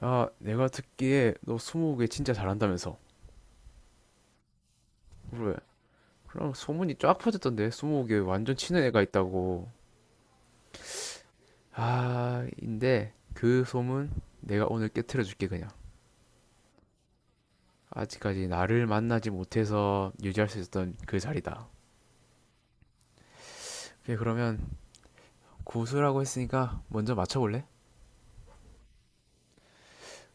아, 내가 듣기에 너 스무고개 진짜 잘한다면서. 그래. 그럼 소문이 쫙 퍼졌던데 스무고개 완전 치는 애가 있다고. 아, 인데 그 소문 내가 오늘 깨트려 줄게 그냥. 아직까지 나를 만나지 못해서 유지할 수 있었던 그 자리다. 오케이, 그러면 고수라고 했으니까 먼저 맞춰볼래?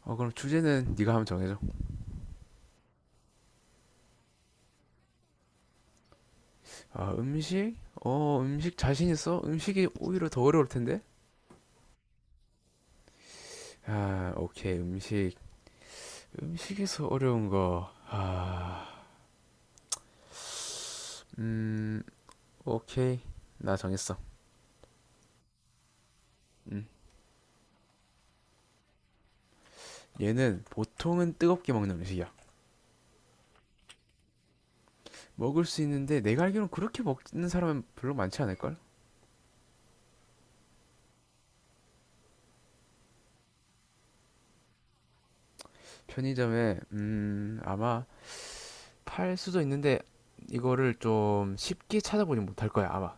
어, 그럼 주제는 네가 한번 정해줘. 아, 음식? 어, 음식 자신 있어? 음식이 오히려 더 어려울 텐데? 아, 오케이, 음식. 음식에서 어려운 거. 아. 음, 오케이. 나 정했어. 음. 얘는 보통은 뜨겁게 먹는 음식이야. 먹을 수 있는데 내가 알기로는 그렇게 먹는 사람은 별로 많지 않을걸? 편의점에 아마 팔 수도 있는데 이거를 좀 쉽게 찾아보지 못할 거야, 아마.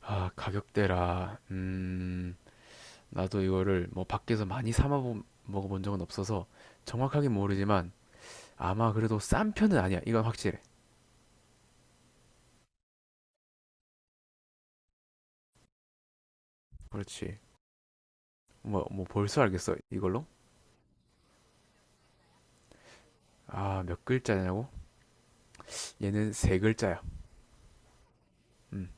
아, 가격대라. 나도 이거를 뭐 밖에서 많이 사 먹어본 적은 없어서 정확하게 모르지만 아마 그래도 싼 편은 아니야. 이건 확실해. 그렇지. 뭐 벌써 알겠어. 이걸로? 아, 몇 글자냐고? 얘는 세 글자야. 음.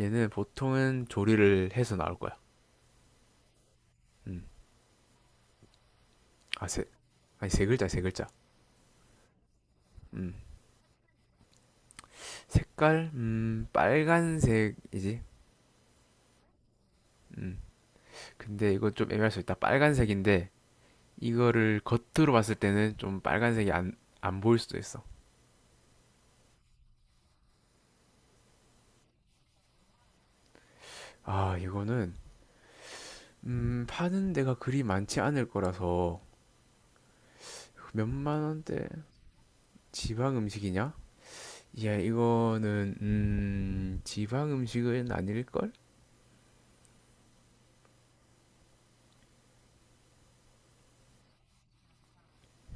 얘는 보통은 조리를 해서 나올 거야. 음. 아, 세, 아니, 세 글자, 세 글자. 음. 색깔, 빨간색이지. 음. 근데 이거 좀 애매할 수 있다. 빨간색인데, 이거를 겉으로 봤을 때는 좀 빨간색이 안 보일 수도 있어. 아, 이거는, 파는 데가 그리 많지 않을 거라서, 몇 만 원대 지방 음식이냐? 야, 이거는, 지방 음식은 아닐걸?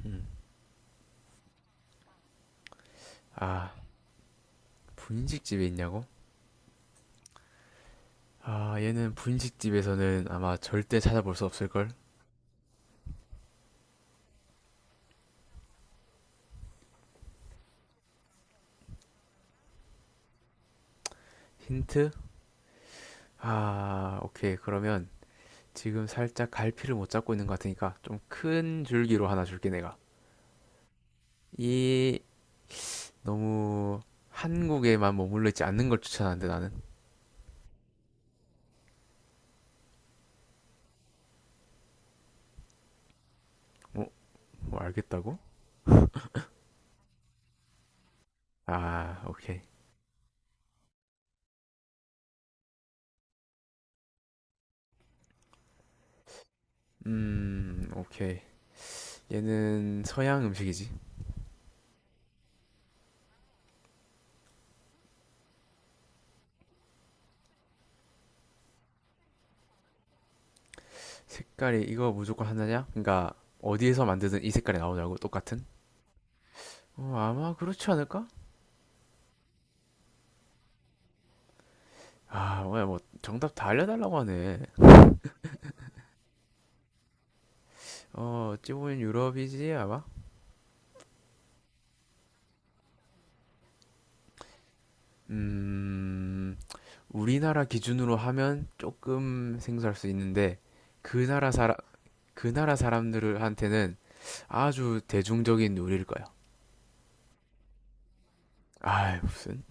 음. 아, 분식집에 있냐고? 아, 얘는 분식집에서는 아마 절대 찾아볼 수 없을걸? 힌트? 아, 오케이. 그러면 지금 살짝 갈피를 못 잡고 있는 것 같으니까 좀 큰 줄기로 하나 줄게, 내가. 이, 너무 한국에만 머물러 있지 않는 걸 추천하는데, 나는. 뭐, 뭐 알겠다고? 아, 오케이. 오케이. 얘는 서양 음식이지. 색깔이 이거 무조건 하나냐? 그러니까 어디에서 만드든 이 색깔이 나오냐고, 똑같은? 어, 아마 그렇지 않을까? 아, 뭐야, 뭐, 정답 다 알려달라고 하네. 어, 어찌 보면 유럽이지, 아마? 음, 우리나라 기준으로 하면 조금 생소할 수 있는데, 그 나라 사람, 그 나라 사람들한테는 아주 대중적인 요리일 거야. 아, 무슨?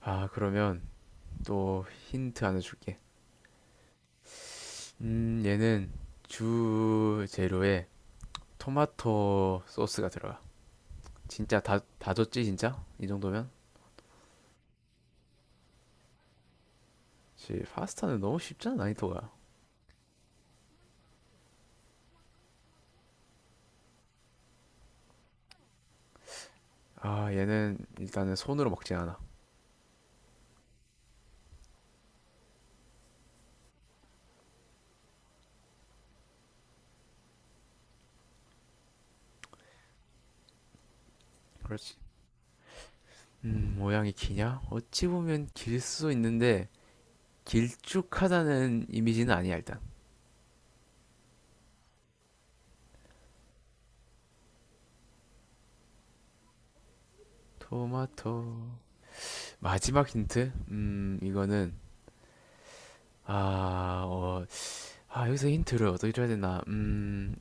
아, 그러면 또 힌트 하나 줄게. 얘는 주 재료에 토마토 소스가 들어가. 진짜 다 줬지, 진짜? 이 정도면? 지 파스타는 너무 쉽잖아, 난이도가. 아, 얘는 일단은 손으로 먹지 않아. 그렇지. 모양이 기냐? 어찌 보면 길 수도 있는데 길쭉하다는 이미지는 아니야, 일단. 토마토. 마지막 힌트? 이거는 아, 어, 아, 여기서 힌트를 어떻게 줘야 되나?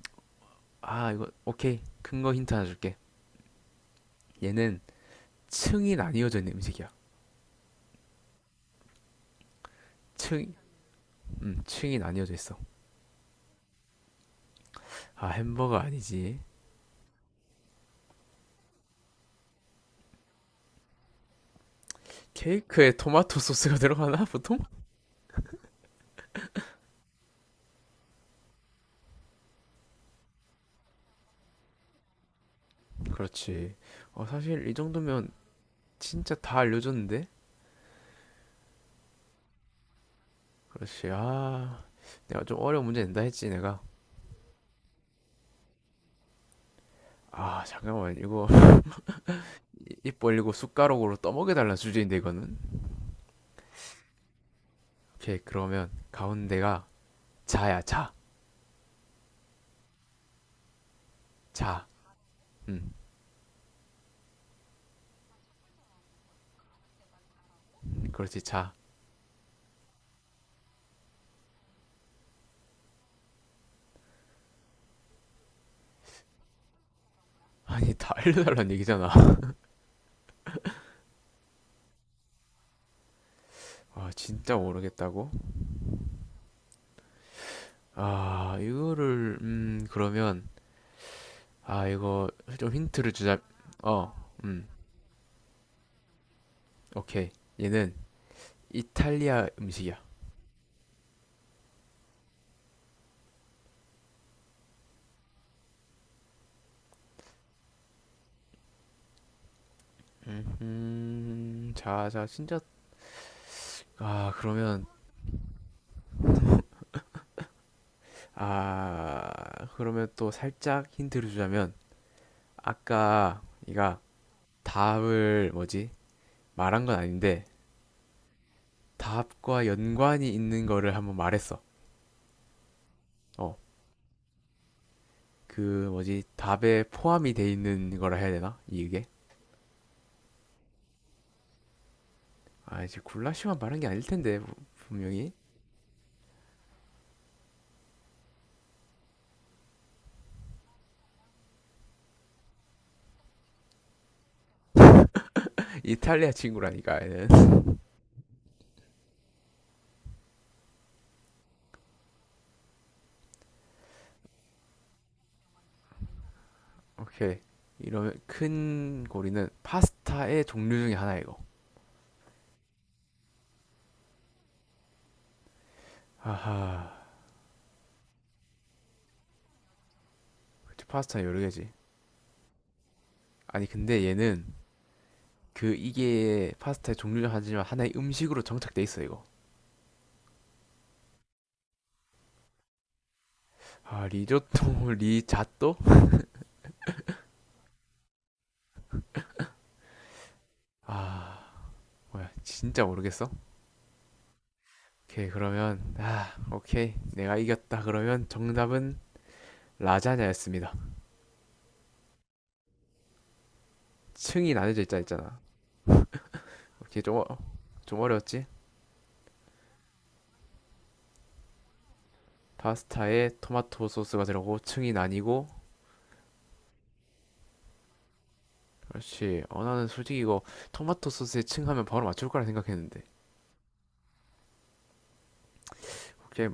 아, 이거 오케이. 큰 거 힌트 하나 줄게. 얘는 층이 나뉘어져 있는 음식이야. 층, 층이 나뉘어져 있어. 아, 햄버거 아니지. 케이크에 토마토 소스가 들어가나, 보통? 그렇지. 어, 사실 이 정도면 진짜 다 알려줬는데? 그렇지. 아, 내가 좀 어려운 문제 낸다 했지, 내가. 아, 잠깐만. 이거 입 벌리고 숟가락으로 떠먹여달라 주제인데, 이거는. 오케이, 그러면 가운데가 자야, 자. 자. 음, 그렇지, 자. 아니, 다 알려달라는 얘기잖아. 아, 진짜 모르겠다고? 아, 이거를, 그러면, 아, 이거 좀 힌트를 주자. 어, 음, 오케이. 얘는 이탈리아 음식이야. 자, 자, 진짜, 아, 그러면, 아, 그러면 또 살짝 힌트를 주자면, 아까 네가 답을 뭐지? 말한 건 아닌데, 답과 연관이 있는 거를 한번 말했어. 어, 그 뭐지? 답에 포함이 돼 있는 거라 해야 되나? 이게? 아, 이제 굴라쉬만 말한 게 아닐 텐데, 분명히. 이탈리아 친구라니까, 얘는. 오케이. 이러면 큰 고리는 파스타의 종류 중에 하나 이거. 하하. 그 파스타 여러 개지. 아니, 근데 얘는 그 이게 파스타의 종류는 하지만 하나의 음식으로 정착돼 있어, 이거. 아, 리조또, 리자또? 아, 뭐야, 진짜 모르겠어? 오케이, 그러면, 아, 오케이. 내가 이겼다. 그러면 정답은 라자냐였습니다. 층이 나뉘어져 있자 했잖아. 오케이, 좀, 좀 어려웠지? 파스타에 토마토 소스가 들어가고 층이 나뉘고, 그렇지. 어, 나는 솔직히 이거 토마토 소스에 층 하면 바로 맞출 거라 생각했는데. 오케이.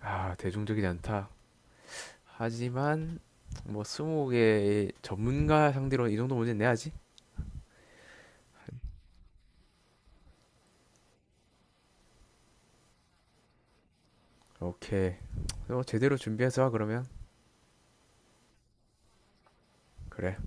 아, 대중적이지 않다. 하지만 뭐 20개의 전문가 상대로 이 정도 문제는 내야지. 오케이. 너 제대로 준비해서 와, 그러면. 그래.